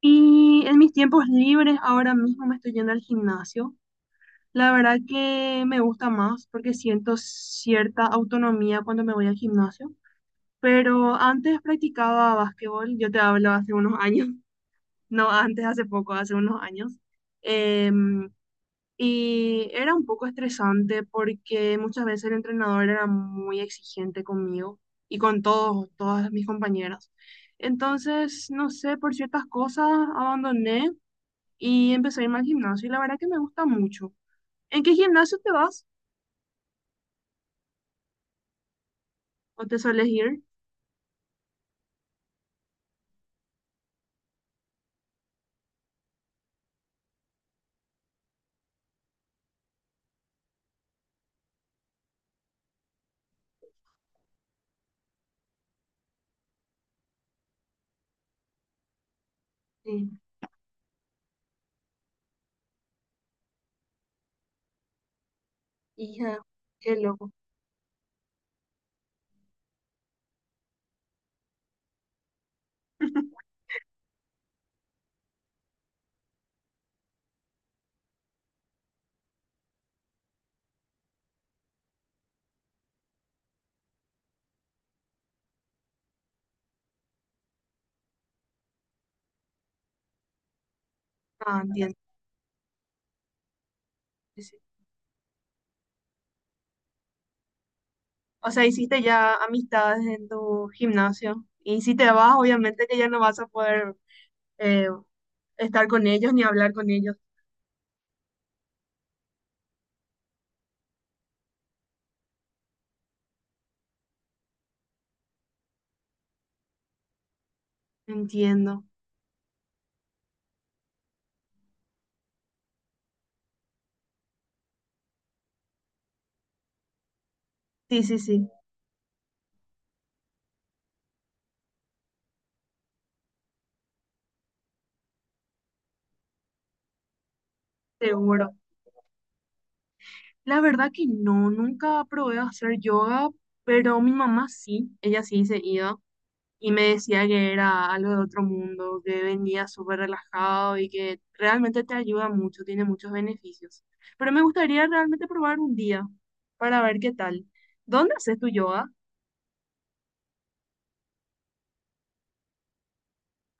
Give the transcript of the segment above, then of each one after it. Y en mis tiempos libres ahora mismo me estoy yendo al gimnasio. La verdad que me gusta más porque siento cierta autonomía cuando me voy al gimnasio. Pero antes practicaba básquetbol, yo te hablo hace unos años, no antes, hace poco, hace unos años. Em, y era un poco estresante porque muchas veces el entrenador era muy exigente conmigo y con todas mis compañeras. Entonces, no sé, por ciertas cosas abandoné y empecé a irme al gimnasio y la verdad que me gusta mucho. ¿En qué gimnasio te vas o te sueles ir? Sí, hija, qué loco. Ah, entiendo. Sí, sí. O sea, hiciste ya amistades en tu gimnasio y si te vas, obviamente que ya no vas a poder eh, estar con ellos ni hablar con ellos. Entiendo. Sí, sí, sí, seguro. La verdad que no, nunca probé a hacer yoga, pero mi mamá sí, ella sí se iba. Y me decía que era algo de otro mundo, que venía súper relajado y que realmente te ayuda mucho, tiene muchos beneficios. Pero me gustaría realmente probar un día para ver qué tal. ¿Dónde haces tu yoga?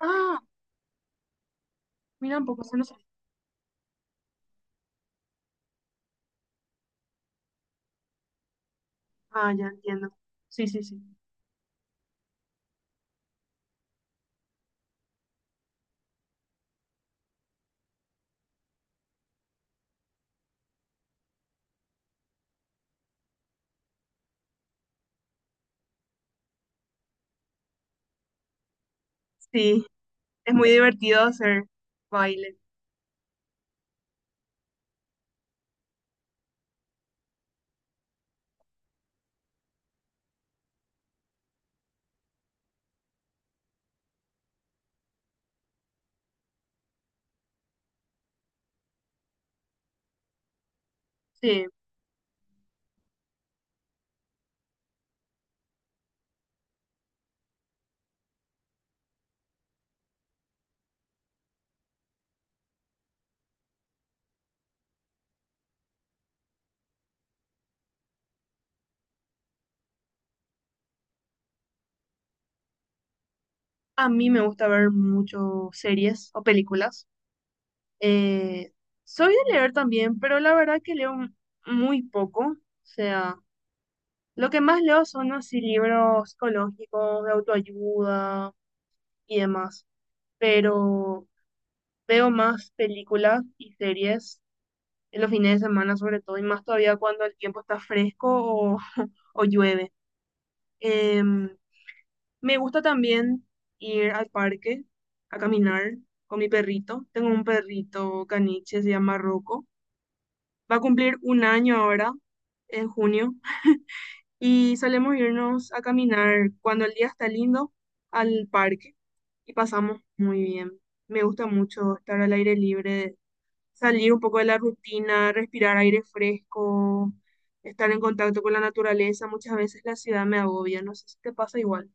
Ah, mira un poco, se nos... Ah, ya entiendo. Sí, sí, sí. Sí, es muy divertido hacer baile. Sí, a mí me gusta ver mucho series o películas. Eh, Soy de leer también, pero la verdad que leo muy poco. O sea, lo que más leo son así libros psicológicos, de autoayuda y demás, pero veo más películas y series en los fines de semana sobre todo, y más todavía cuando el tiempo está fresco o, o llueve. Em, Me gusta también ir al parque a caminar con mi perrito. Tengo un perrito caniche, se llama Rocco. Va a cumplir un año ahora, en junio. Y solemos irnos a caminar cuando el día está lindo al parque y pasamos muy bien. Me gusta mucho estar al aire libre, salir un poco de la rutina, respirar aire fresco, estar en contacto con la naturaleza. Muchas veces la ciudad me agobia, no sé si te pasa igual.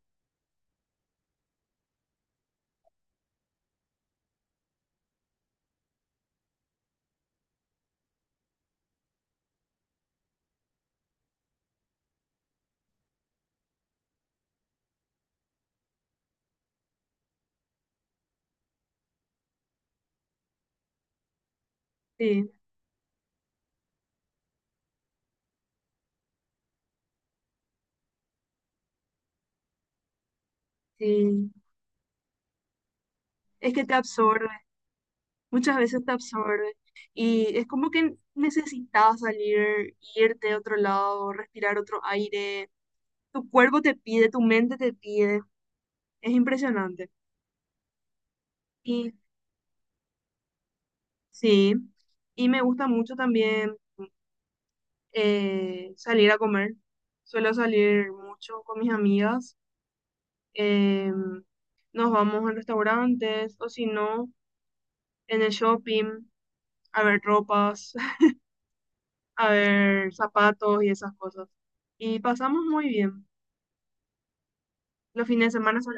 Sí, sí, es que te absorbe, muchas veces te absorbe y es como que necesitas salir, irte a otro lado, respirar otro aire. Tu cuerpo te pide, tu mente te pide. Es impresionante. Y sí, y me gusta mucho también salir a comer. Suelo salir mucho con mis amigas. eh, Nos vamos a restaurantes o si no, en el shopping, a ver ropas, a ver zapatos y esas cosas. Y pasamos muy bien. Los fines de semana son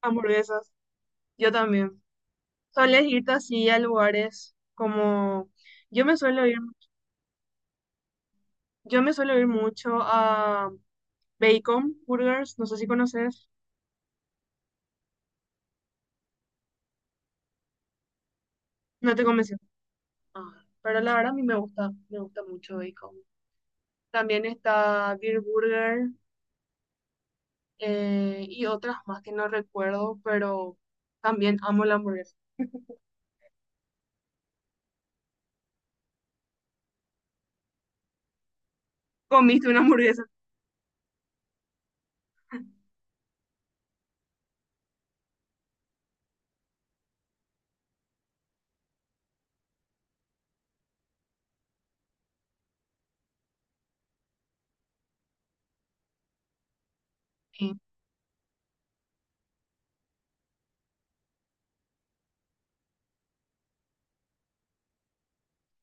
hamburguesas. Yo también. ¿Sueles irte así a lugares como...? Yo me suelo ir, yo me suelo ir mucho a Bacon Burgers, no sé si conoces, no te convenció. Ah, pero la verdad a mí me gusta mucho bacon. También está Beer Burger, y otras más que no recuerdo, pero también amo la hamburguesa. Comiste una hamburguesa. Sí.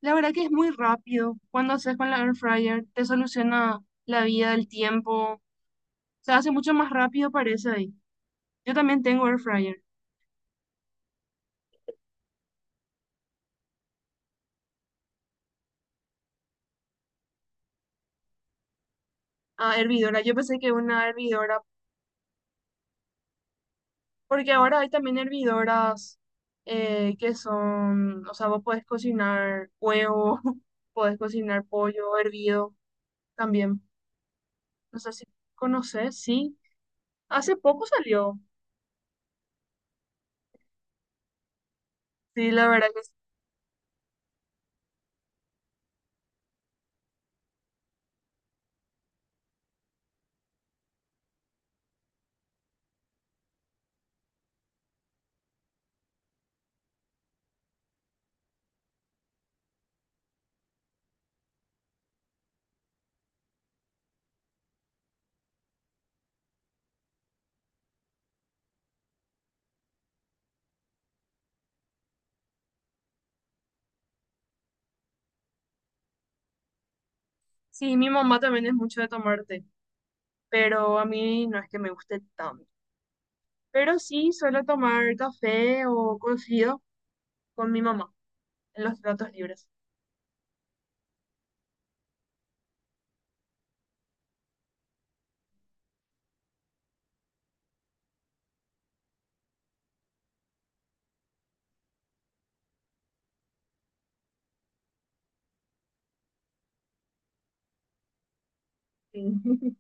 La verdad que es muy rápido. Cuando haces con la air fryer, te soluciona la vida, el tiempo. Se hace mucho más rápido, parece ahí. Yo también tengo air fryer. Ah, hervidora, yo pensé que una hervidora... Porque ahora hay también hervidoras que son, o sea, vos podés cocinar huevo, podés cocinar pollo hervido también. No sé si conoces, sí. Hace poco salió. Sí, la verdad que sí. Sí, mi mamá también es mucho de tomar té, pero a mí no es que me guste tanto. Pero sí, suelo tomar café o cocido con mi mamá en los ratos libres. Sí,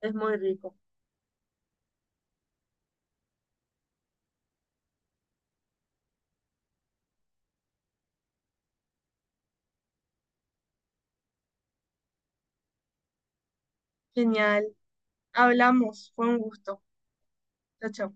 es muy rico. Genial. Hablamos, fue un gusto. Chao, chao.